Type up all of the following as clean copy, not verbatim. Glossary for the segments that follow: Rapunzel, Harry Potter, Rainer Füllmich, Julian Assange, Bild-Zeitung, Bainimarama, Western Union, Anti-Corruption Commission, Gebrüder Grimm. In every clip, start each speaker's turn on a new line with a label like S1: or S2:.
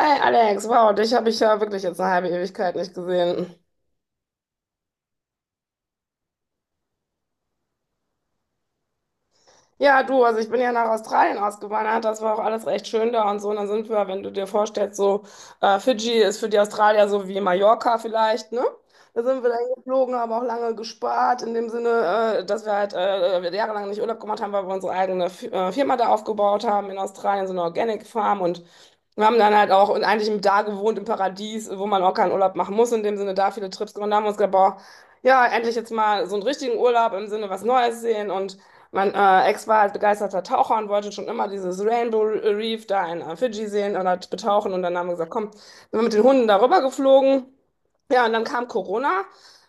S1: Hi Alex, wow, dich habe ich ja wirklich jetzt eine halbe Ewigkeit nicht gesehen. Ja, du, also ich bin ja nach Australien ausgewandert, das war auch alles recht schön da und so. Und dann sind wir, wenn du dir vorstellst, so Fidschi ist für die Australier so wie Mallorca vielleicht, ne? Da sind wir dann geflogen, haben auch lange gespart, in dem Sinne, dass wir halt jahrelang nicht Urlaub gemacht haben, weil wir unsere eigene Firma da aufgebaut haben in Australien, so eine Organic Farm. Und wir haben dann halt auch und eigentlich im da gewohnt im Paradies, wo man auch keinen Urlaub machen muss, in dem Sinne da viele Trips gemacht. Da haben wir uns gedacht, boah, ja, endlich jetzt mal so einen richtigen Urlaub im Sinne was Neues sehen. Und mein Ex war halt begeisterter Taucher und wollte schon immer dieses Rainbow Reef da in Fidschi sehen und halt betauchen. Und dann haben wir gesagt, komm, sind wir mit den Hunden darüber geflogen. Ja, und dann kam Corona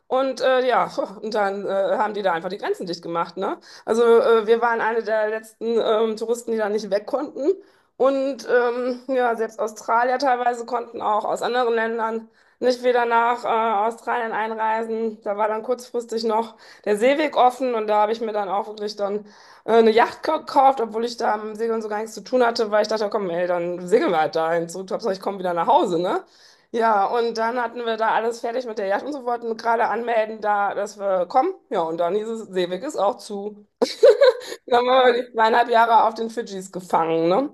S1: und ja, und dann haben die da einfach die Grenzen dicht gemacht, ne? Also wir waren eine der letzten Touristen, die da nicht weg konnten. Und ja, selbst Australier teilweise konnten auch aus anderen Ländern nicht wieder nach Australien einreisen. Da war dann kurzfristig noch der Seeweg offen und da habe ich mir dann auch wirklich dann eine Yacht gekauft, obwohl ich da am Segeln so gar nichts zu tun hatte, weil ich dachte, komm, ey, dann segeln wir halt dahin zurück, Hauptsache ich komme wieder nach Hause, ne? Ja, und dann hatten wir da alles fertig mit der Yacht und so, wollten gerade anmelden da, dass wir kommen. Ja, und dann hieß es, Seeweg ist auch zu. Dann waren wir die zweieinhalb Jahre auf den Fidschis gefangen, ne?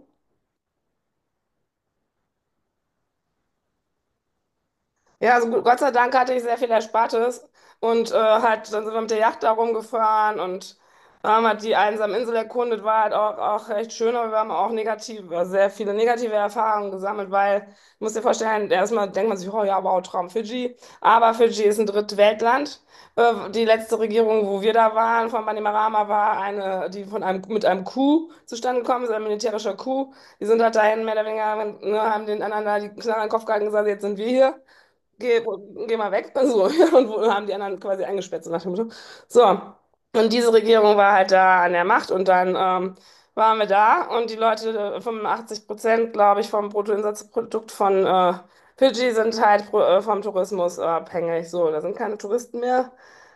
S1: Ja, also gut, Gott sei Dank hatte ich sehr viel Erspartes und halt, dann sind wir mit der Yacht da rumgefahren und haben halt die einsame Insel erkundet, war halt auch recht schön. Aber wir haben auch negative, sehr viele negative Erfahrungen gesammelt, weil, du musst dir vorstellen, erstmal denkt man sich, oh ja, wow, Traum Fidschi, aber Fidschi ist ein Drittweltland. Die letzte Regierung, wo wir da waren, von Bainimarama, war eine, die von einem, mit einem Coup zustande gekommen ist, ein militärischer Coup. Die sind halt dahin, mehr oder weniger, ne, haben den anderen da die Knarre in den Kopf gehalten und gesagt, jetzt sind wir hier, geh, geh mal weg. So, und wo haben die anderen quasi eingesperrt, so nach dem Motto. So, und diese Regierung war halt da an der Macht. Und dann waren wir da und die Leute, 85%, glaube ich, vom Bruttoinlandsprodukt von Fidschi sind halt pro, vom Tourismus abhängig. So, da sind keine Touristen mehr.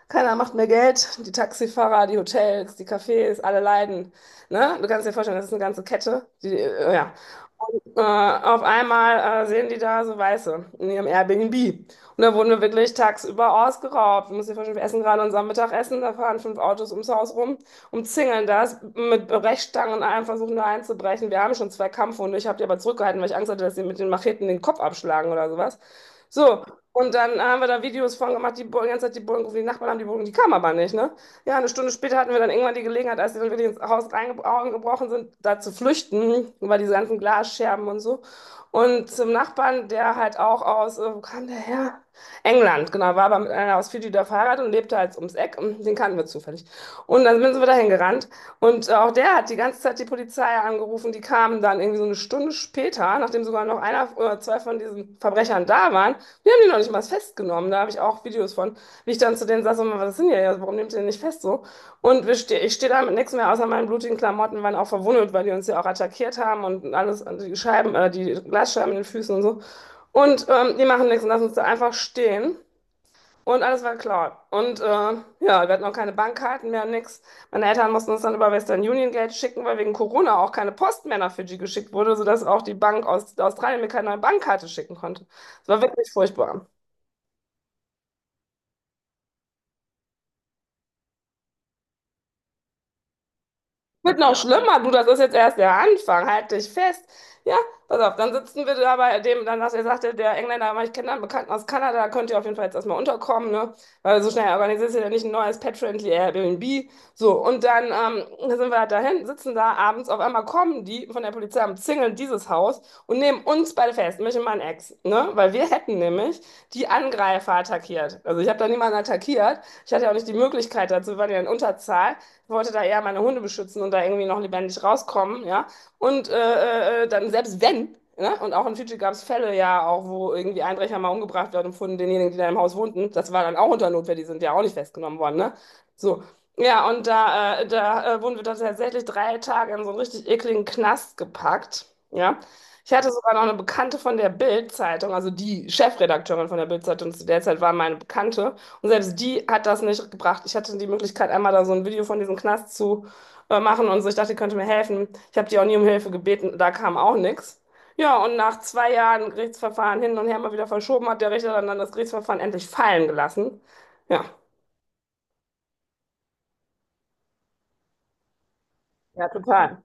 S1: Keiner macht mehr Geld. Die Taxifahrer, die Hotels, die Cafés, alle leiden. Ne? Du kannst dir vorstellen, das ist eine ganze Kette. Die, ja. Auf einmal sehen die da so Weiße in ihrem Airbnb. Und da wurden wir wirklich tagsüber ausgeraubt. Du musst dir vorstellen, wir essen gerade unser Mittagessen, da fahren fünf Autos ums Haus rum, umzingeln das mit Brechstangen und allem, versuchen da einzubrechen. Wir haben schon zwei Kampfhunde, ich habe die aber zurückgehalten, weil ich Angst hatte, dass sie mit den Macheten den Kopf abschlagen oder sowas. So, und dann haben wir da Videos von gemacht, die, die ganze Zeit die Bullen gerufen, die Nachbarn haben die Bullen, die kamen aber nicht, ne? Ja, eine Stunde später hatten wir dann irgendwann die Gelegenheit, als sie dann wirklich ins Haus reingebrochen sind, da zu flüchten, über diese ganzen Glasscherben und so. Und zum Nachbarn, der halt auch aus, wo kam der her? England, genau, war aber mit einer aus Fidschi da verheiratet und lebte halt ums Eck. Und den kannten wir zufällig. Und dann sind wir dahin gerannt. Und auch der hat die ganze Zeit die Polizei angerufen. Die kamen dann irgendwie so eine Stunde später, nachdem sogar noch einer oder zwei von diesen Verbrechern da waren. Die haben die noch nicht mal festgenommen. Da habe ich auch Videos von, wie ich dann zu denen saß und mal, was sind denn hier? Ja, warum nehmt ihr den nicht fest so? Und wir ste ich stehe da mit nichts mehr außer meinen blutigen Klamotten, waren auch verwundet, weil die uns ja auch attackiert haben und alles, die Scheiben, die Glasscheiben in den Füßen und so. Und die machen nichts und lassen uns da einfach stehen. Und alles war klar. Und ja, wir hatten auch keine Bankkarten mehr, nix. Meine Eltern mussten uns dann über Western Union Geld schicken, weil wegen Corona auch keine Post mehr nach Fidschi geschickt wurde, sodass auch die Bank aus Australien mir keine neue Bankkarte schicken konnte. Es war wirklich furchtbar. Wird noch schlimmer, du, das ist jetzt erst der Anfang, halt dich fest. Ja, pass auf, dann sitzen wir da bei dem, dann sagt er, sagte der Engländer, aber ich kenne da einen Bekannten aus Kanada, da könnt ihr auf jeden Fall jetzt erstmal unterkommen, ne? Weil so schnell organisiert ihr ja nicht ein neues Pet-Friendly Airbnb. So, und dann sind wir halt dahin, sitzen da abends, auf einmal kommen die von der Polizei und zingeln dieses Haus und nehmen uns beide fest, mich und meinen Ex, ne? Weil wir hätten nämlich die Angreifer attackiert. Also ich habe da niemanden attackiert, ich hatte ja auch nicht die Möglichkeit dazu, wir waren ja in Unterzahl. Ich wollte da eher meine Hunde beschützen und da irgendwie noch lebendig rauskommen, ja. Und dann selbst wenn, ne? Und auch in Fidschi gab es Fälle ja auch, wo irgendwie Einbrecher mal umgebracht werden und von denjenigen, die da im Haus wohnten. Das war dann auch unter Notwehr, die sind ja auch nicht festgenommen worden, ne? So. Ja, und da, wurden wir dann tatsächlich drei Tage in so einen richtig ekligen Knast gepackt. Ja. Ich hatte sogar noch eine Bekannte von der Bild-Zeitung, also die Chefredakteurin von der Bild-Zeitung zu der Zeit war meine Bekannte. Und selbst die hat das nicht gebracht. Ich hatte die Möglichkeit, einmal da so ein Video von diesem Knast zu machen und so. Ich dachte, die könnte mir helfen. Ich habe die auch nie um Hilfe gebeten, da kam auch nichts. Ja, und nach zwei Jahren Gerichtsverfahren hin und her mal wieder verschoben, hat der Richter dann das Gerichtsverfahren endlich fallen gelassen. Ja. Ja, total.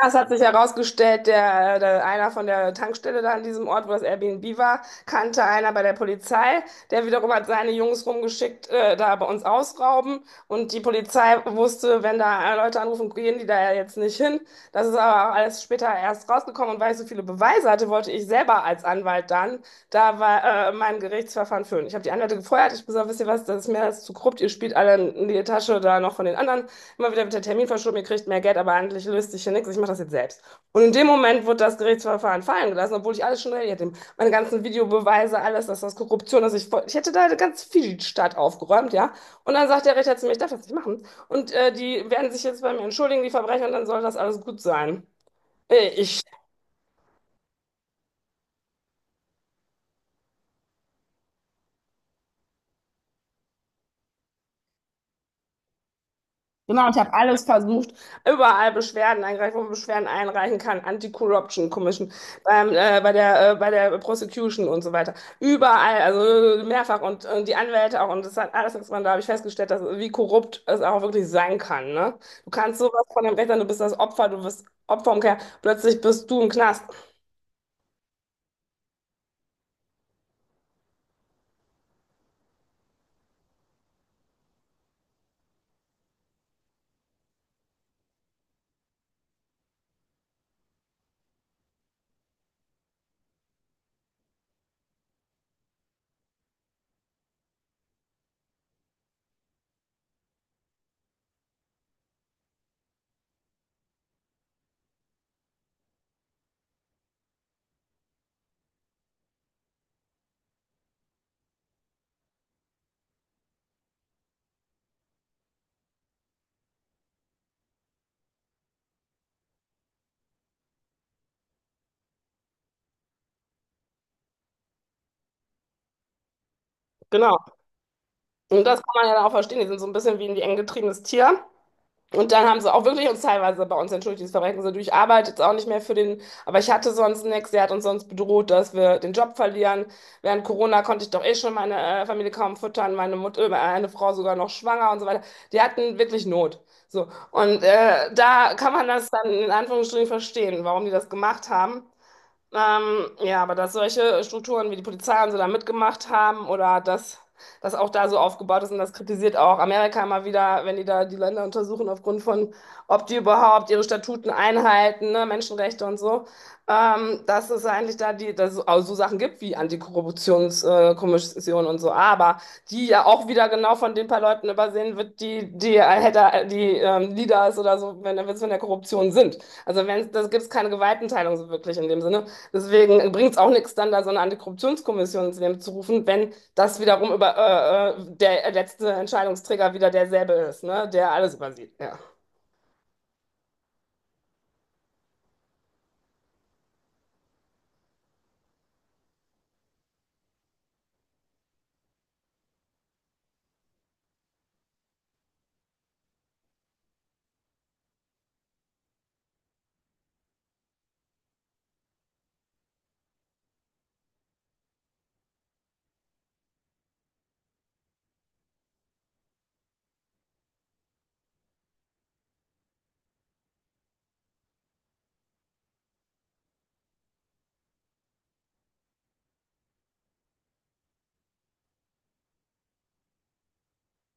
S1: Ja, es hat sich herausgestellt, der einer von der Tankstelle da an diesem Ort, wo das Airbnb war, kannte einer bei der Polizei. Der wiederum hat seine Jungs rumgeschickt, da bei uns ausrauben. Und die Polizei wusste, wenn da Leute anrufen, gehen die da ja jetzt nicht hin. Das ist aber auch alles später erst rausgekommen. Und weil ich so viele Beweise hatte, wollte ich selber als Anwalt dann mein Gerichtsverfahren führen. Ich habe die Anwälte gefeuert. Ich habe gesagt, wisst ihr was, das ist mir alles zu korrupt. Ihr spielt alle in die Tasche da noch von den anderen. Immer wieder wird der Termin verschoben, ihr kriegt mehr Geld, aber eigentlich löst sich hier nichts, ich mache das jetzt selbst. Und in dem Moment wird das Gerichtsverfahren fallen gelassen, obwohl ich alles schon erledigt habe. Meine ganzen Videobeweise, alles, dass das Korruption ist. Ich hätte da ganz viel Stadt aufgeräumt, ja. Und dann sagt der Richter zu mir, ich darf das nicht machen. Und die werden sich jetzt bei mir entschuldigen, die Verbrecher, und dann soll das alles gut sein. Ich Genau, ich habe alles versucht, überall Beschwerden eingereicht, wo man Beschwerden einreichen kann, Anti-Corruption Commission, bei der Prosecution und so weiter. Überall, also mehrfach und die Anwälte auch. Und das hat alles nichts, man da habe ich festgestellt, dass, wie korrupt es auch wirklich sein kann. Ne? Du kannst sowas von dem Recht sein, du bist das Opfer, du bist Opfer umkehr, plötzlich bist du im Knast. Genau. Und das kann man ja dann auch verstehen. Die sind so ein bisschen wie ein eng getriebenes Tier. Und dann haben sie auch wirklich uns teilweise bei uns entschuldigt, das Verbrechen so, du, ich arbeite jetzt auch nicht mehr für den, aber ich hatte sonst nichts, der hat uns sonst bedroht, dass wir den Job verlieren. Während Corona konnte ich doch eh schon meine Familie kaum füttern, meine Mutter, eine Frau sogar noch schwanger und so weiter. Die hatten wirklich Not. So. Und da kann man das dann in Anführungsstrichen verstehen, warum die das gemacht haben. Ja, aber dass solche Strukturen wie die Polizei und so da mitgemacht haben oder dass das auch da so aufgebaut ist. Und das kritisiert auch Amerika immer wieder, wenn die da die Länder untersuchen aufgrund von, ob die überhaupt ihre Statuten einhalten, ne, Menschenrechte und so, dass es eigentlich da die, dass es auch so Sachen gibt wie Antikorruptionskommission Kommission und so, aber die ja auch wieder genau von den paar Leuten übersehen wird, die die, Hatter- die Leaders oder so, wenn wenn es von der Korruption sind. Also wenn das gibt es keine Gewaltenteilung so wirklich in dem Sinne. Deswegen bringt es auch nichts, dann da so eine Antikorruptionskommission ins Leben zu rufen, wenn das wiederum über der letzte Entscheidungsträger wieder derselbe ist, ne? Der alles übersieht. Ja.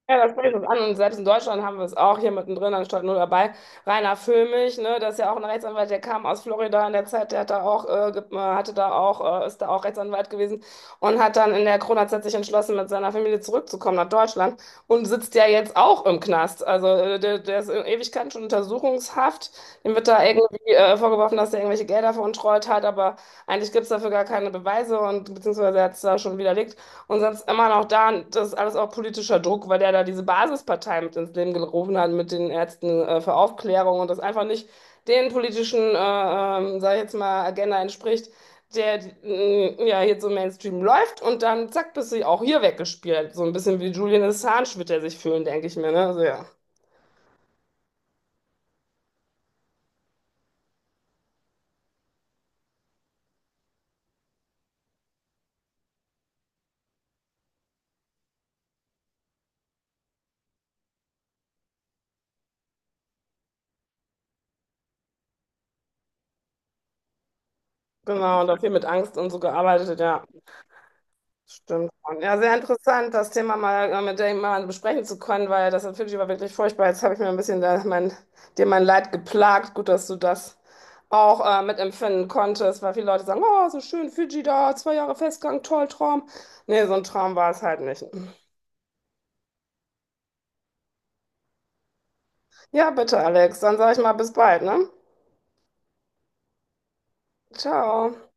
S1: Ja, das spricht uns an. Und selbst in Deutschland haben wir es auch hier mittendrin, anstatt nur dabei. Rainer Füllmich, ne, das ist ja auch ein Rechtsanwalt, der kam aus Florida in der Zeit, der hat da auch, hatte da auch, ist da auch Rechtsanwalt gewesen und hat dann in der Corona-Zeit sich entschlossen, mit seiner Familie zurückzukommen nach Deutschland und sitzt ja jetzt auch im Knast. Also der ist in Ewigkeiten schon untersuchungshaft. Ihm wird da irgendwie vorgeworfen, dass er irgendwelche Gelder veruntreut hat, aber eigentlich gibt es dafür gar keine Beweise, und beziehungsweise er hat es da schon widerlegt. Und sonst immer noch da, das ist alles auch politischer Druck, weil der da diese Basispartei mit ins Leben gerufen hat, mit den Ärzten für Aufklärung und das einfach nicht den politischen, sag ich jetzt mal, Agenda entspricht, der ja hier so Mainstream läuft, und dann zack, bist du auch hier weggespielt. So ein bisschen wie Julian Assange wird er sich fühlen, denke ich mir, ne? Also ja, genau, und auch viel mit Angst und so gearbeitet, ja. Stimmt schon. Ja, sehr interessant, das Thema mal mit dir mal besprechen zu können, weil das natürlich war wirklich furchtbar. Jetzt habe ich mir ein bisschen da mein, dir mein Leid geplagt. Gut, dass du das auch mitempfinden konntest, weil viele Leute sagen, oh, so schön, Fidschi da, zwei Jahre Festgang, toll, Traum. Nee, so ein Traum war es halt nicht. Ja, bitte, Alex, dann sage ich mal bis bald, ne? Ciao.